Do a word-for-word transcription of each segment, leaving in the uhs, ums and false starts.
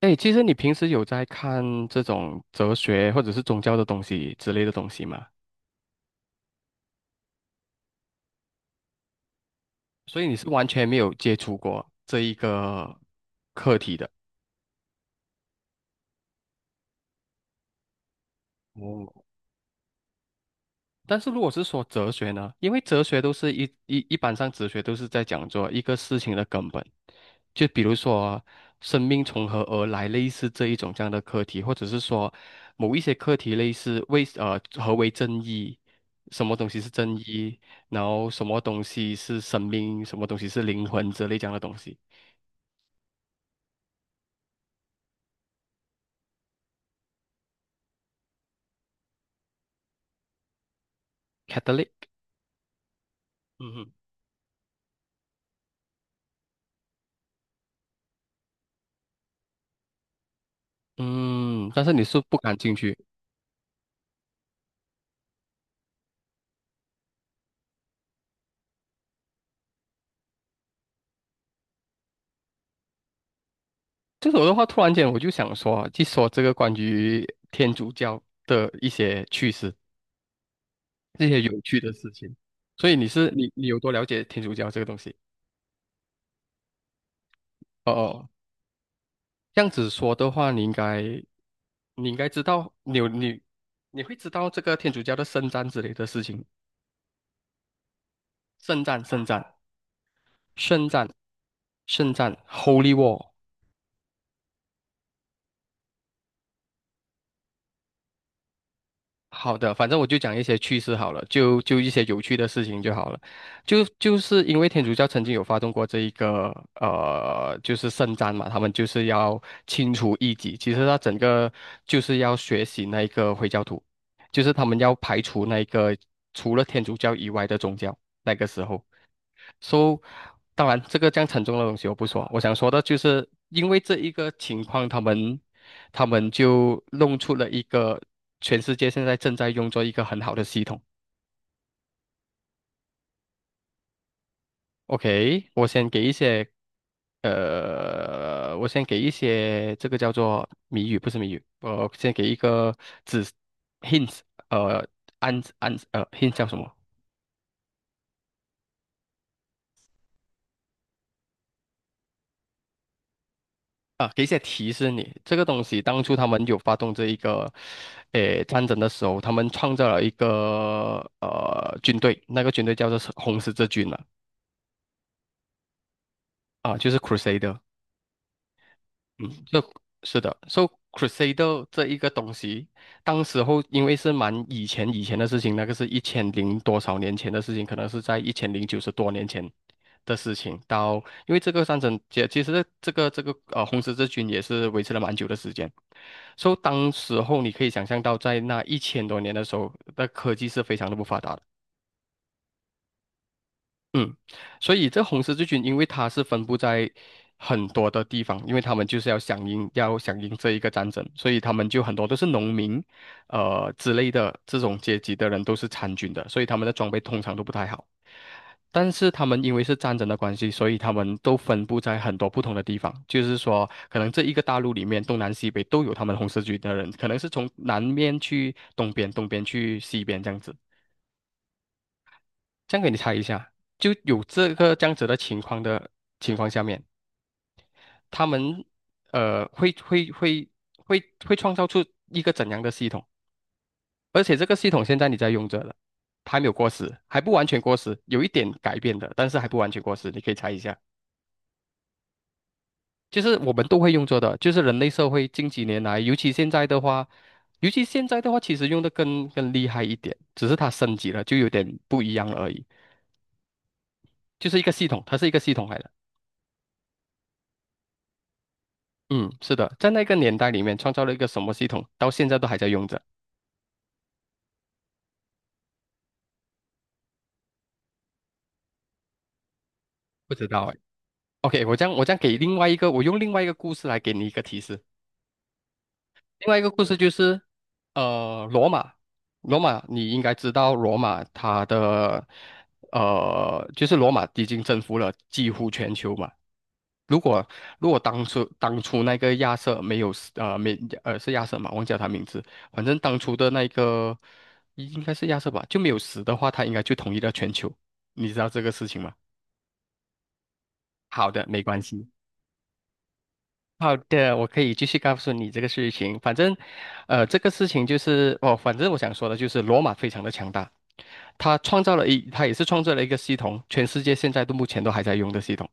哎，其实你平时有在看这种哲学或者是宗教的东西之类的东西吗？所以你是完全没有接触过这一个课题的。哦。但是如果是说哲学呢，因为哲学都是一一一般上哲学都是在讲做一个事情的根本，就比如说生命从何而来，类似这一种这样的课题，或者是说某一些课题类似为呃何为正义，什么东西是正义，然后什么东西是生命，什么东西是灵魂之类这样的东西。Catholic。嗯哼。嗯，但是你是不感兴趣。这首的话，突然间我就想说，去说这个关于天主教的一些趣事，这些有趣的事情。所以你是你你有多了解天主教这个东西？哦哦，这样子说的话，你应该你应该知道，你有你你会知道这个天主教的圣战之类的事情，圣战，圣战，圣战，圣战， Holy War。好的，反正我就讲一些趣事好了，就就一些有趣的事情就好了。就就是因为天主教曾经有发动过这一个呃，就是圣战嘛，他们就是要清除异己，其实他整个就是要学习那一个回教徒，就是他们要排除那一个除了天主教以外的宗教。那个时候。So,当然，这个这样沉重的东西我不说。我想说的就是，因为这一个情况，他们他们就弄出了一个全世界现在正在用作一个很好的系统。OK，我先给一些，呃，我先给一些这个叫做谜语，不是谜语，我先给一个指 hints，呃，暗暗呃 hint 叫什么？啊，给一些提示你，这个东西当初他们有发动这一个，诶，战争的时候，他们创造了一个呃军队，那个军队叫做是红十字军了啊，就是 Crusader。嗯，就是的，so Crusader 这一个东西，当时候因为是蛮以前以前的事情，那个是一千零多少年前的事情，可能是在一千零九十多年前的事情。到因为这个战争，其其实这个这个呃红十字军也是维持了蛮久的时间。So 当时候你可以想象到，在那一千多年的时候，那科技是非常的不发达的。嗯，所以这红十字军，因为它是分布在很多的地方，因为他们就是要响应，要响应这一个战争，所以他们就很多都是农民，呃之类的这种阶级的人都是参军的，所以他们的装备通常都不太好。但是他们因为是战争的关系，所以他们都分布在很多不同的地方。就是说，可能这一个大陆里面，东南西北都有他们红十字军的人，可能是从南面去东边，东边去西边这样子。这样给你猜一下，就有这个这样子的情况的情况下面，他们呃会会会会会创造出一个怎样的系统？而且这个系统现在你在用着了，它还没有过时，还不完全过时，有一点改变的，但是还不完全过时。你可以猜一下，就是我们都会用着的，就是人类社会近几年来，尤其现在的话，尤其现在的话，其实用的更更厉害一点，只是它升级了，就有点不一样了而已。就是一个系统，它是一个系统来的。嗯，是的，在那个年代里面创造了一个什么系统，到现在都还在用着，不知道哎。OK，我这样我这样给另外一个，我用另外一个故事来给你一个提示。另外一个故事就是，呃，罗马，罗马你应该知道，罗马它的呃，就是罗马已经征服了几乎全球嘛。如果如果当初当初那个亚瑟没有死，呃没呃是亚瑟嘛，忘记了他名字，反正当初的那个应该是亚瑟吧，就没有死的话，他应该就统一了全球。你知道这个事情吗？好的，没关系。好的，我可以继续告诉你这个事情。反正，呃，这个事情就是哦，反正我想说的就是，罗马非常的强大，他创造了一，他也是创造了一个系统，全世界现在都目前都还在用的系统。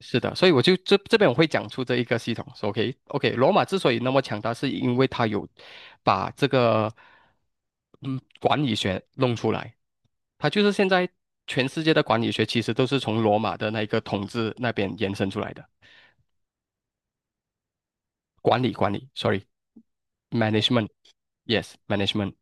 是的，所以我就这这边我会讲出这一个系统说，OK OK，罗马之所以那么强大，是因为它有把这个嗯管理学弄出来，它就是现在全世界的管理学其实都是从罗马的那个统治那边延伸出来的，管理管理，sorry，management，yes，management。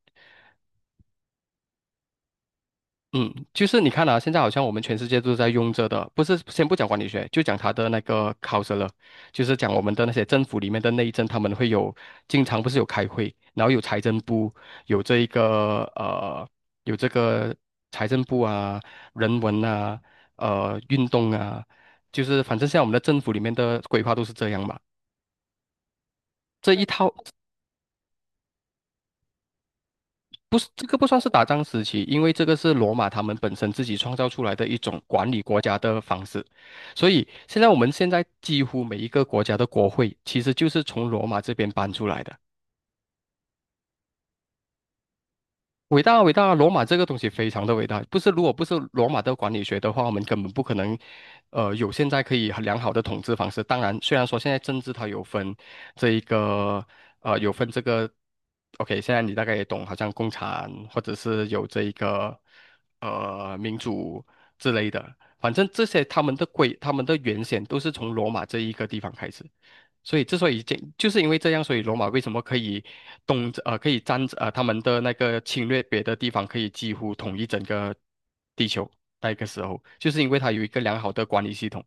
嗯，就是你看啊，现在好像我们全世界都在用着的，不是先不讲管理学，就讲它的那个考试了，就是讲我们的那些政府里面的内政，他们会有经常不是有开会，然后有财政部，有这一个呃，有这个财政部啊，人文啊，呃，运动啊，就是反正像我们的政府里面的规划都是这样嘛，这一套不是，这个不算是打仗时期，因为这个是罗马他们本身自己创造出来的一种管理国家的方式，所以现在我们现在几乎每一个国家的国会其实就是从罗马这边搬出来的。伟大啊，伟大啊！罗马这个东西非常的伟大，不是如果不是罗马的管理学的话，我们根本不可能，呃，有现在可以很良好的统治方式。当然，虽然说现在政治它有分这一个，呃，有分这个，OK，现在你大概也懂，好像共产或者是有这一个，呃，民主之类的，反正这些他们的规，他们的原先都是从罗马这一个地方开始。所以之所以这就是因为这样，所以罗马为什么可以东呃可以占呃他们的那个侵略别的地方，可以几乎统一整个地球。那个时候，就是因为它有一个良好的管理系统。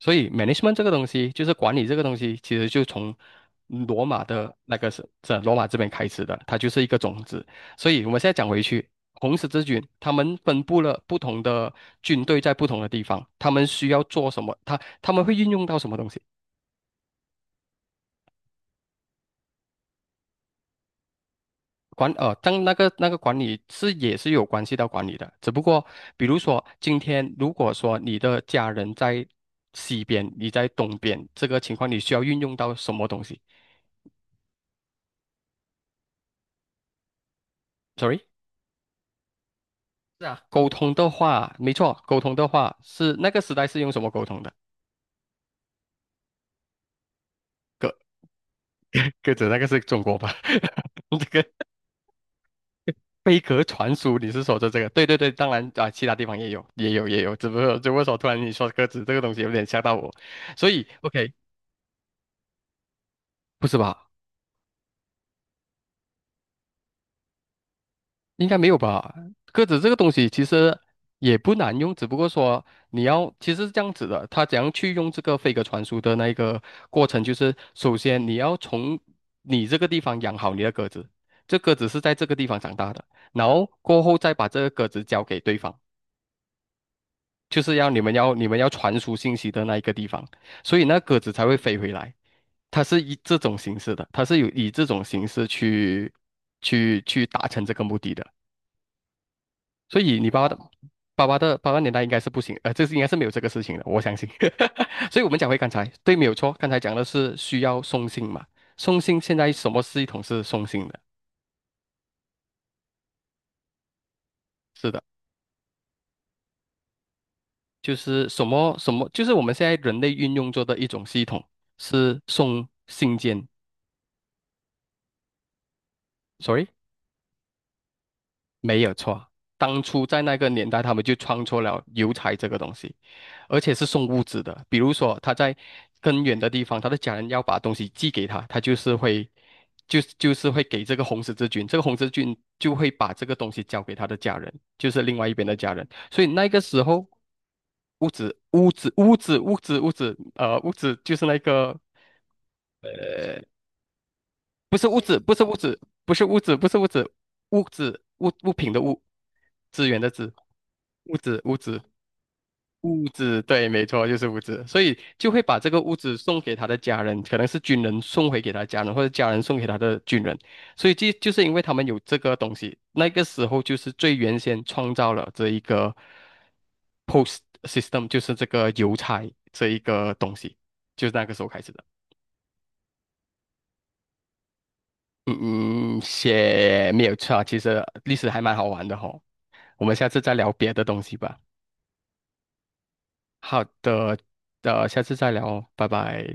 所以 management 这个东西，就是管理这个东西，其实就从罗马的那个是是罗马这边开始的，它就是一个种子。所以我们现在讲回去，红十字军他们分布了不同的军队在不同的地方，他们需要做什么，他他们会运用到什么东西。管呃，但那个那个管理是也是有关系到管理的，只不过比如说今天如果说你的家人在西边，你在东边，这个情况你需要运用到什么东西？Sorry，是啊，沟通的话，没错，沟通的话是那个时代是用什么沟通的？鸽鸽子那个是中国吧？这个飞鸽传书，你是说的这个？对对对，当然啊，其他地方也有，也有也有，只不过只不过说突然你说鸽子这个东西有点吓到我，所以 OK，不是吧？应该没有吧？鸽子这个东西其实也不难用，只不过说你要其实是这样子的，它怎样去用这个飞鸽传书的那一个过程，就是首先你要从你这个地方养好你的鸽子，这鸽子是在这个地方长大的，然后过后再把这个鸽子交给对方，就是要你们要你们要传输信息的那一个地方，所以那鸽子才会飞回来。它是以这种形式的，它是有以这种形式去去去达成这个目的的。所以你爸爸的爸爸的爸爸年代应该是不行，呃，这是应该是没有这个事情的，我相信。所以我们讲回刚才，对，没有错，刚才讲的是需要送信嘛，送信现在什么系统是送信的？是的，就是什么什么，就是我们现在人类运用做的一种系统是送信件，sorry。没有错，当初在那个年代，他们就创作了邮差这个东西，而且是送物资的。比如说，他在更远的地方，他的家人要把东西寄给他，他就是会，就就是会给这个红十字军，这个红十字军就会把这个东西交给他的家人，就是另外一边的家人。所以那个时候，物资、物资、物资、物资、物资，呃，物资就是那个不是物质，不是物质，不是物质，不是物质，物质物物品的物，资源的资，物质物质物质，对，没错，就是物质，所以就会把这个物质送给他的家人，可能是军人送回给他的家人，或者家人送给他的军人，所以就就是因为他们有这个东西，那个时候就是最原先创造了这一个 post system，就是这个邮差这一个东西，就是那个时候开始的。嗯嗯，写没有错啊，其实历史还蛮好玩的吼。我们下次再聊别的东西吧。好的，呃，下次再聊哦，拜拜。